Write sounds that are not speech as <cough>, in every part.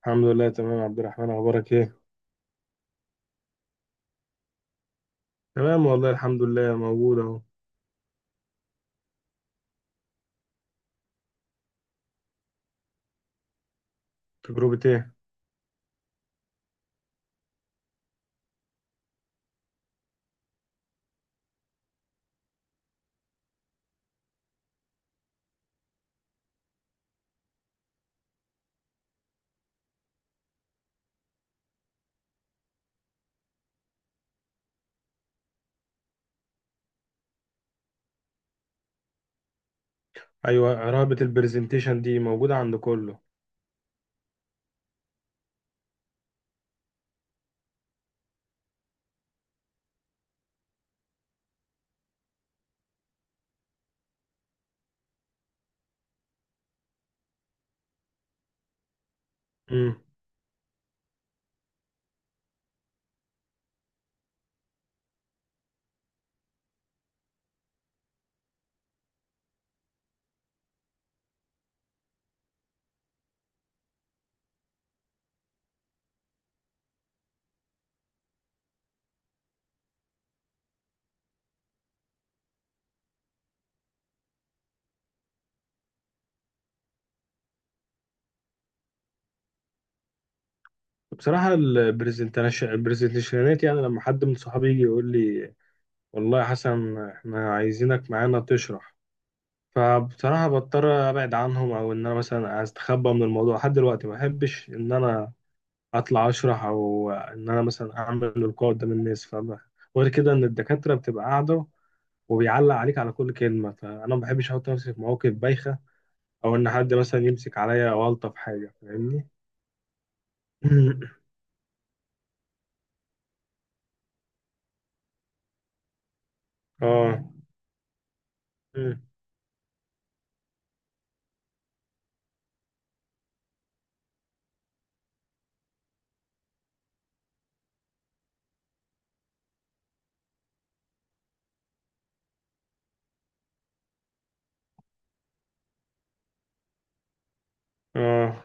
الحمد لله، تمام يا عبد الرحمن. اخبارك ايه؟ تمام، والله الحمد لله، موجود اهو. تجربة ايه؟ ايوه، رهبة البرزنتيشن دي موجودة عند كله. امم. بصراحة البرزنتيشنات يعني لما حد من صحابي يجي يقول لي والله يا حسن احنا عايزينك معانا تشرح، فبصراحة بضطر ابعد عنهم او ان انا مثلا استخبى من الموضوع. لحد دلوقتي ما احبش ان انا اطلع اشرح او ان انا مثلا اعمل لقاء قدام الناس، فاهم؟ غير كده ان الدكاترة بتبقى قاعدة وبيعلق عليك على كل كلمة، فأنا ما بحبش أحط نفسي في مواقف بايخة أو إن حد مثلا يمسك عليا أو ألطف حاجة، فاهمني؟ <laughs> <clears throat> آه، آه،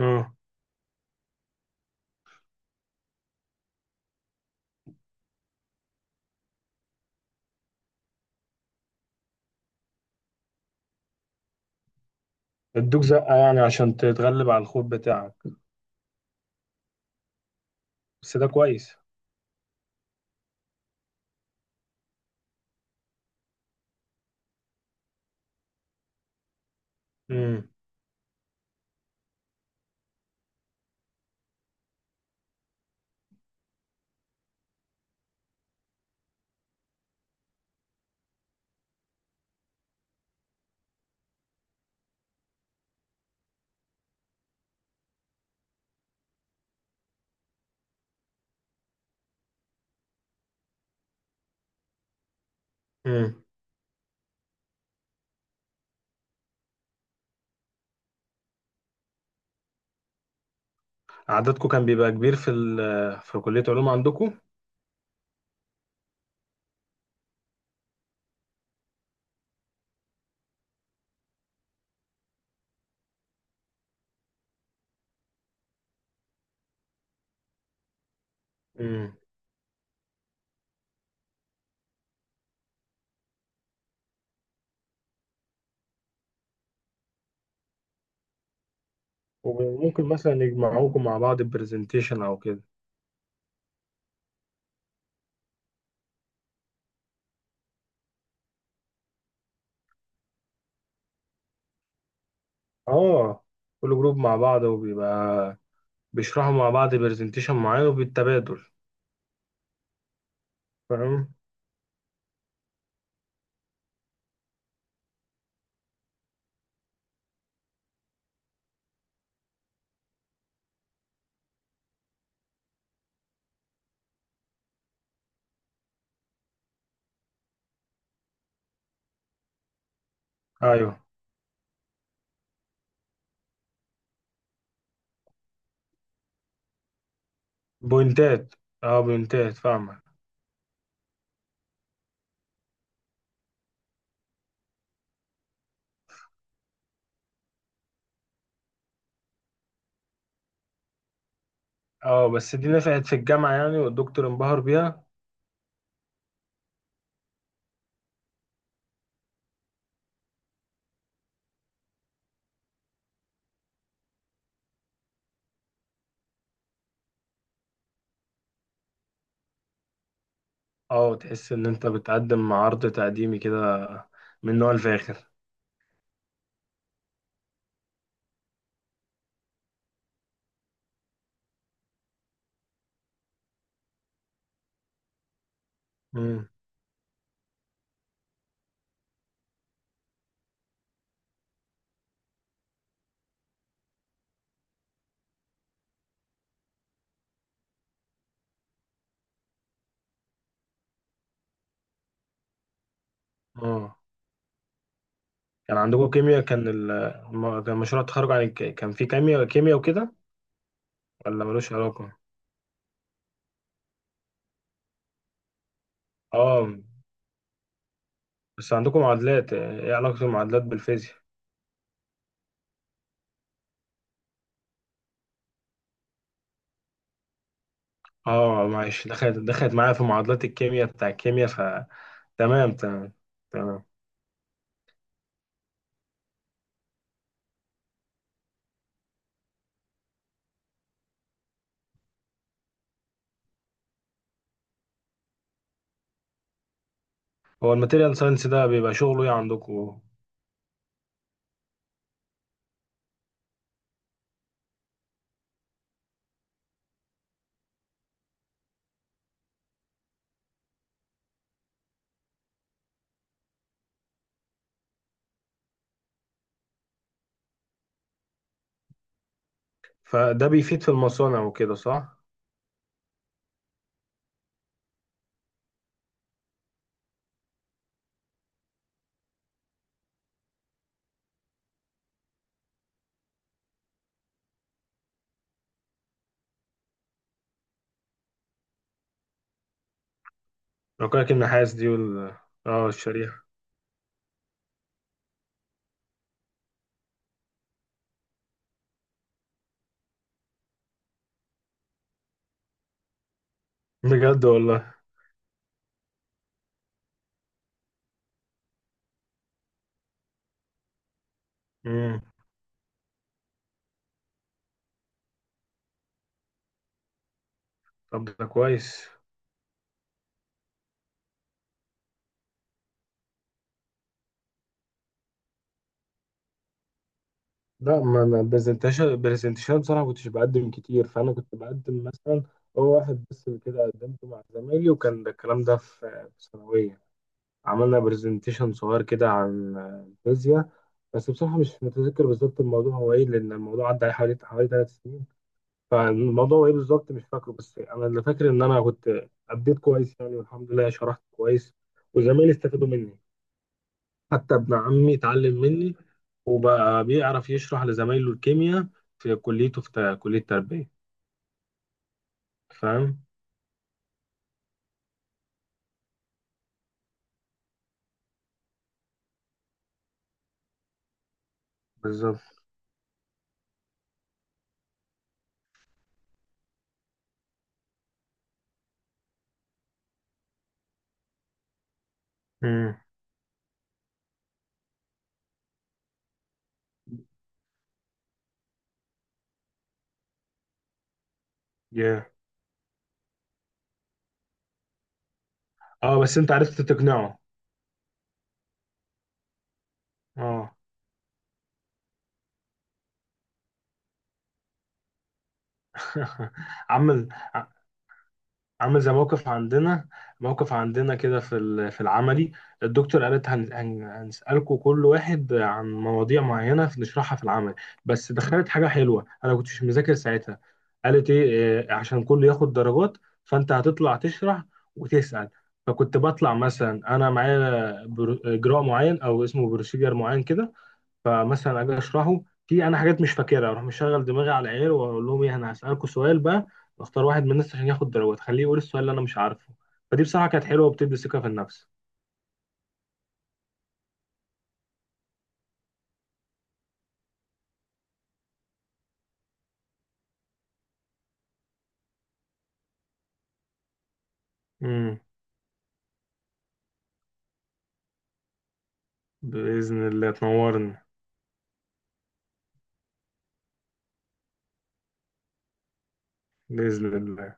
آه. ادوك زقة يعني عشان تتغلب على الخوف بتاعك. بس ده كويس. مم. مم. عددكم كان بيبقى كبير في ال آه، في كلية علوم عندكم؟ مم. وممكن مثلا يجمعوكم مع بعض برزنتيشن أو كده؟ آه، كل جروب مع بعض وبيبقى بيشرحوا مع بعض برزنتيشن معين وبالتبادل، فاهم؟ أيوه، بوينتات. اه، بوينتات، فاهمة. اه، بس دي نفعت في الجامعة يعني والدكتور انبهر بيها. اه، تحس ان انت بتقدم عرض تقديمي كده من نوع الفاخر. امم. اه، كان عندكم كيمياء، كان مشروع التخرج كان في كيمياء كيمياء وكده؟ ولا ملوش علاقة؟ اه، بس عندكم معادلات. ايه علاقة المعادلات بالفيزياء؟ اه، معلش، دخلت معايا في معادلات الكيمياء بتاع الكيمياء ف... تمام، تمام. تمام. هو الماتيريال ساينس ده بيبقى شغله ايه عندكم؟ فده بيفيد في المصانع وكده، صح؟ رقائق النحاس دي وال... اه، الشريحة. بجد والله. امم. طب ده كويس. لا، ما انا برزنتيشن برزنتيشن بصراحة كنتش بقدم كتير، فانا كنت بقدم مثلا... هو واحد بس اللي كده قدمته مع زمايلي، وكان ده الكلام ده في ثانوية. عملنا برزنتيشن صغير كده عن الفيزياء، بس بصراحة مش متذكر بالظبط الموضوع هو ايه، لأن الموضوع عدى عليه حوالي 3 سنين. فالموضوع ايه بالظبط مش فاكره، بس انا اللي فاكر ان انا كنت اديت كويس يعني والحمد لله، شرحت كويس وزمايلي استفادوا مني. حتى ابن عمي اتعلم مني وبقى بيعرف يشرح لزمايله الكيمياء في كليته في كلية تربية، فاهم؟ بالظبط. امم. yeah. اه، بس انت عرفت تقنعه. اه. <laughs> عمل عامل زي موقف عندنا. موقف عندنا كده في في العملي. الدكتور قالت هنسألكوا كل واحد عن مواضيع معينة نشرحها في العمل، بس دخلت حاجة حلوة أنا كنتش مذاكر ساعتها. قالت إيه عشان كله ياخد درجات، فأنت هتطلع تشرح وتسأل. فكنت بطلع مثلا أنا معايا إجراء معين أو اسمه بروسيجر معين كده، فمثلا اجي اشرحه. في انا حاجات مش فاكرها، اروح مشغل دماغي على العيال واقول لهم ايه، انا هسالكم سؤال بقى، واختار واحد من الناس عشان ياخد درجات خليه يقول السؤال اللي انا مش عارفه. فدي بصراحه كانت حلوه وبتدي ثقه في النفس. امم. بإذن الله تنورني. بإذن الله.